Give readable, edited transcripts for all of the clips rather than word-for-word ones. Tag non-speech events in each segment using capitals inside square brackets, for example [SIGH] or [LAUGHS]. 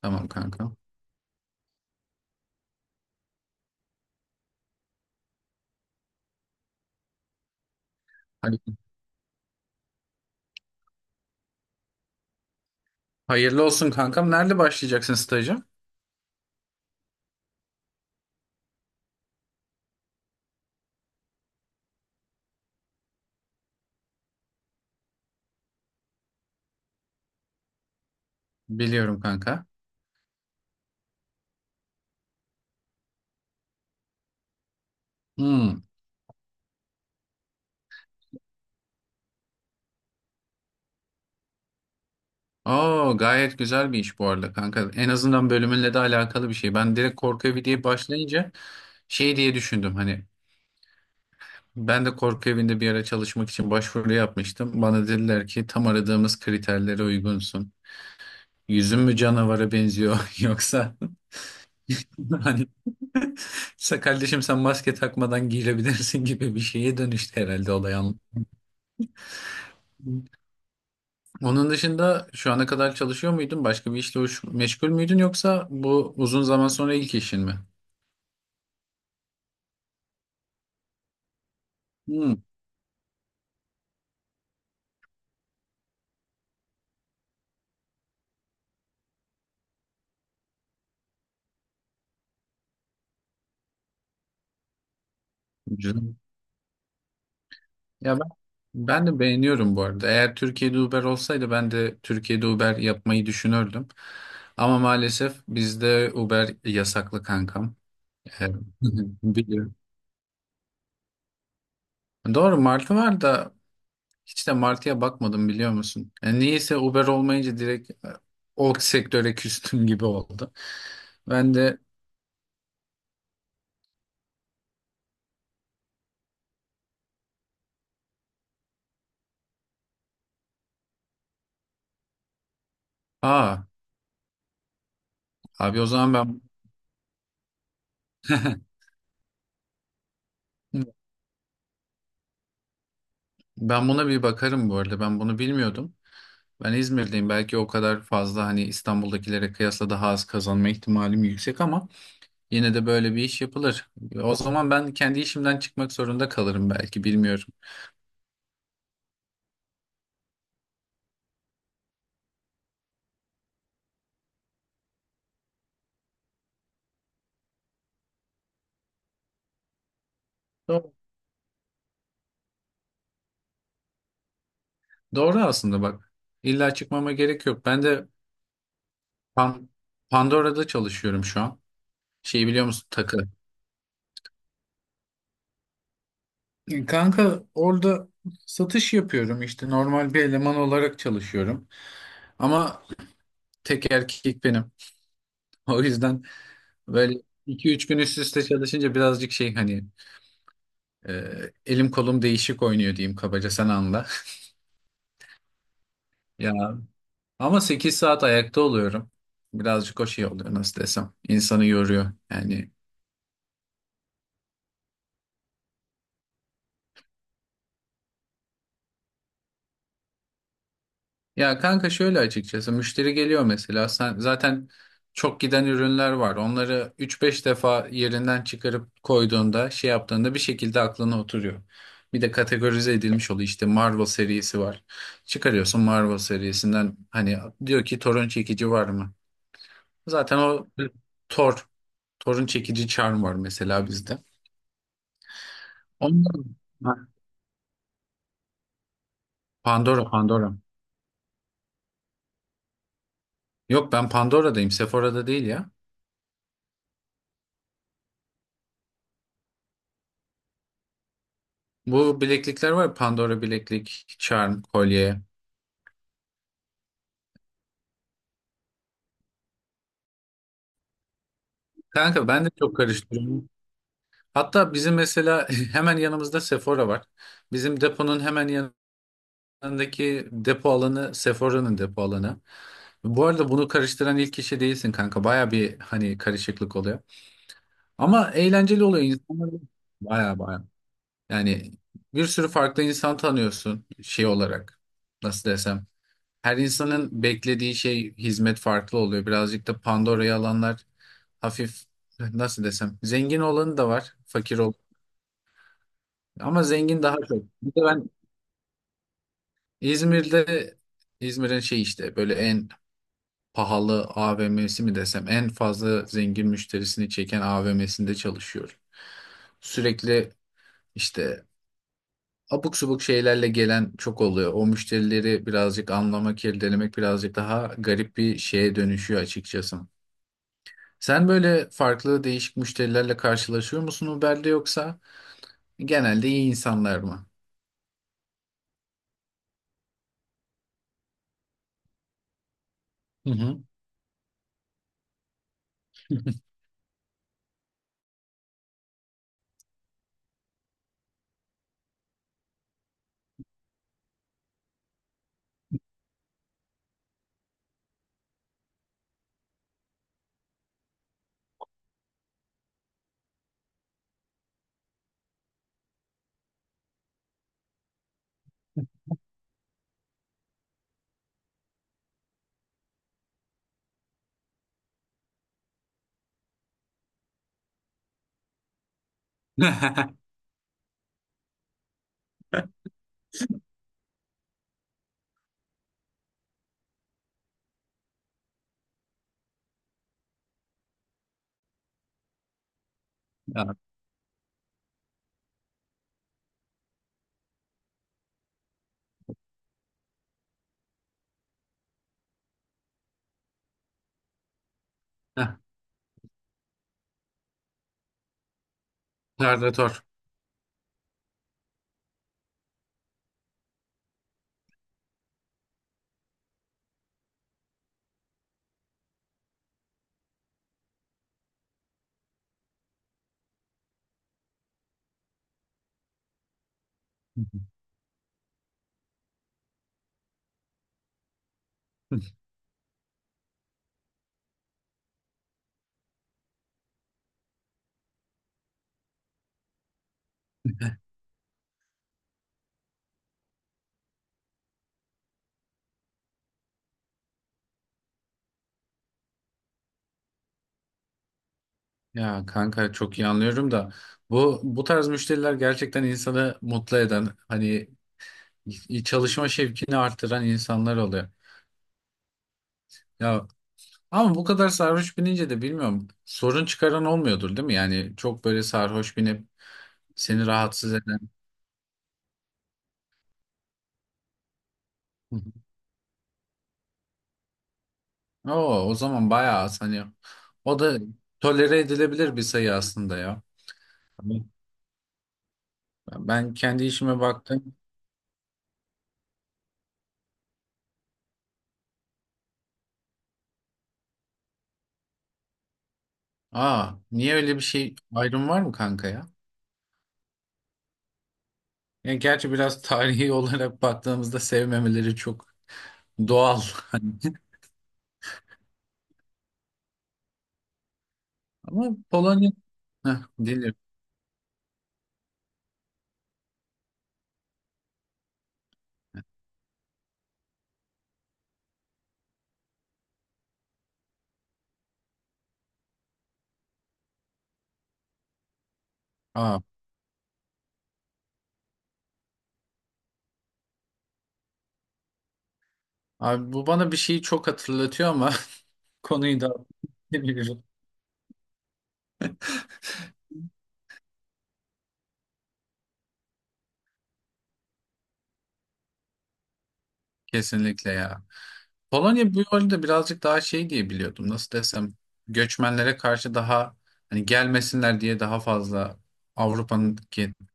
Tamam kanka. Hadi. Hayırlı olsun kankam. Nerede başlayacaksın staja? Biliyorum kanka. Hmm. Oo, gayet güzel bir iş bu arada kanka. En azından bölümünle de alakalı bir şey. Ben direkt korku evi diye başlayınca şey diye düşündüm hani ben de korku evinde bir ara çalışmak için başvuru yapmıştım. Bana dediler ki tam aradığımız kriterlere uygunsun. Yüzün mü canavara benziyor [LAUGHS] yoksa [LAUGHS] hani [LAUGHS] "Sa- kardeşim sen maske takmadan girebilirsin gibi bir şeye dönüştü herhalde olay. Onun dışında şu ana kadar çalışıyor muydun? Başka bir işle uğraş- meşgul müydün yoksa bu uzun zaman sonra ilk işin mi? Hmm, güzel. Ya ben, ben de beğeniyorum bu arada. Eğer Türkiye'de Uber olsaydı ben de Türkiye'de Uber yapmayı düşünürdüm. Ama maalesef bizde Uber yasaklı kankam. Ee, [LAUGHS] biliyorum. Doğru Martı var da hiç de Martı'ya bakmadım biliyor musun? Yani niyeyse Uber olmayınca direkt o sektöre küstüm [LAUGHS] gibi oldu. Ben de. Aa, abi o zaman ben [LAUGHS] ben buna bir bakarım bu arada. Ben bunu bilmiyordum. Ben İzmir'deyim. Belki o kadar fazla hani İstanbul'dakilere kıyasla daha az kazanma ihtimalim yüksek ama yine de böyle bir iş yapılır. O zaman ben kendi işimden çıkmak zorunda kalırım belki bilmiyorum. Doğru. Doğru aslında bak. İlla çıkmama gerek yok. Ben de Pan- Pandora'da çalışıyorum şu an. Şeyi biliyor musun? Takı. Kanka orada satış yapıyorum işte normal bir eleman olarak çalışıyorum. Ama tek erkek benim. [LAUGHS] O yüzden böyle iki üç gün üst üste çalışınca birazcık şey hani e, elim kolum değişik oynuyor diyeyim kabaca sen anla. [LAUGHS] Ya ama 8 saat ayakta oluyorum. Birazcık o şey oluyor nasıl desem. İnsanı yoruyor. Yani ya kanka şöyle açıkçası müşteri geliyor mesela sen zaten çok giden ürünler var. Onları üç beş defa yerinden çıkarıp koyduğunda şey yaptığında bir şekilde aklına oturuyor. Bir de kategorize edilmiş oluyor işte Marvel serisi var. Çıkarıyorsun Marvel serisinden hani diyor ki torun çekici var mı? Zaten o Thor, torun çekici charm var mesela bizde. Ondan. Ha. Pandora. Yok ben Pandora'dayım, Sephora'da değil ya. Bu bileklikler var ya Pandora bileklik, charm, kolye. Kanka ben de çok karıştırıyorum. Hatta bizim mesela [LAUGHS] hemen yanımızda Sephora var. Bizim deponun hemen yanındaki depo alanı Sephora'nın depo alanı. Bu arada bunu karıştıran ilk kişi değilsin kanka. Baya bir hani karışıklık oluyor. Ama eğlenceli oluyor insanlar. Baya baya. Yani bir sürü farklı insan tanıyorsun şey olarak. Nasıl desem. Her insanın beklediği şey hizmet farklı oluyor. Birazcık da Pandora'yı alanlar hafif nasıl desem zengin olanı da var, fakir ol. Ama zengin daha çok. Bir de ben İzmir'de İzmir'in şey işte böyle en pahalı AVM'si mi desem en fazla zengin müşterisini çeken AVM'sinde çalışıyorum. Sürekli işte abuk subuk şeylerle gelen çok oluyor. O müşterileri birazcık anlamak, irdelemek birazcık daha garip bir şeye dönüşüyor açıkçası. Sen böyle farklı değişik müşterilerle karşılaşıyor musun Uber'de yoksa genelde iyi insanlar mı? Hı hı. Ya. Heh. Predatör. Hı hı. Ya kanka çok iyi anlıyorum da bu bu tarz müşteriler gerçekten insanı mutlu eden hani çalışma şevkini artıran insanlar oluyor. Ya ama bu kadar sarhoş binince de bilmiyorum sorun çıkaran olmuyordur değil mi? Yani çok böyle sarhoş binip seni rahatsız eden. Oo, o zaman bayağı az hani o da tolere edilebilir bir sayı aslında ya. Hani ben kendi işime baktım. Aa, niye öyle bir şey ayrım var mı kanka ya? Yani gerçi biraz tarihi [LAUGHS] olarak baktığımızda sevmemeleri çok doğal. [LAUGHS] Hani ama Polonya. Heh, dinliyorum. Aa, abi bu bana bir şeyi çok hatırlatıyor ama [LAUGHS] konuyu da [LAUGHS] kesinlikle ya. Polonya bu yolda birazcık daha şey diye biliyordum. Nasıl desem göçmenlere karşı daha hani gelmesinler diye daha fazla Avrupa'nın kendine.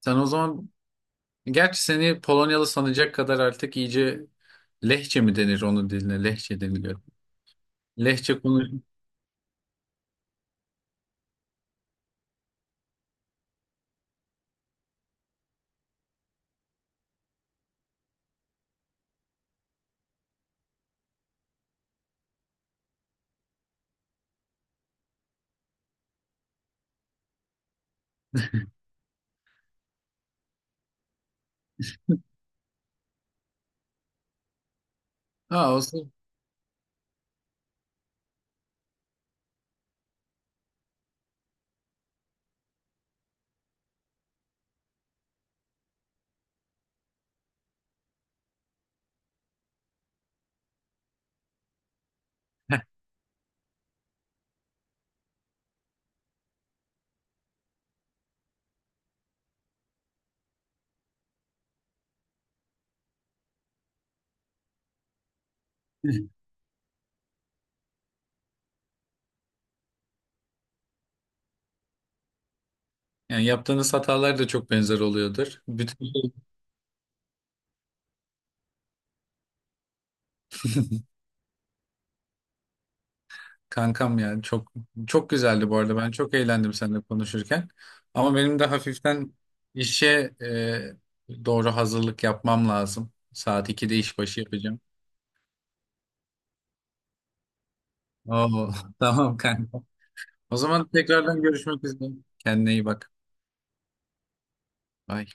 Sen o zaman gerçi seni Polonyalı sanacak kadar artık iyice lehçe mi denir onun diline? Lehçe deniliyor. Lehçe konuş. Ha olsun. [LAUGHS] Yani yaptığınız hatalar da çok benzer oluyordur. Bütün kankam ya çok çok güzeldi bu arada. Ben çok eğlendim seninle konuşurken. Ama benim de hafiften işe doğru hazırlık yapmam lazım. Saat 2'de işbaşı yapacağım. Oo, [LAUGHS] tamam kanka. O zaman tekrardan görüşmek üzere. Kendine iyi bak. Bye.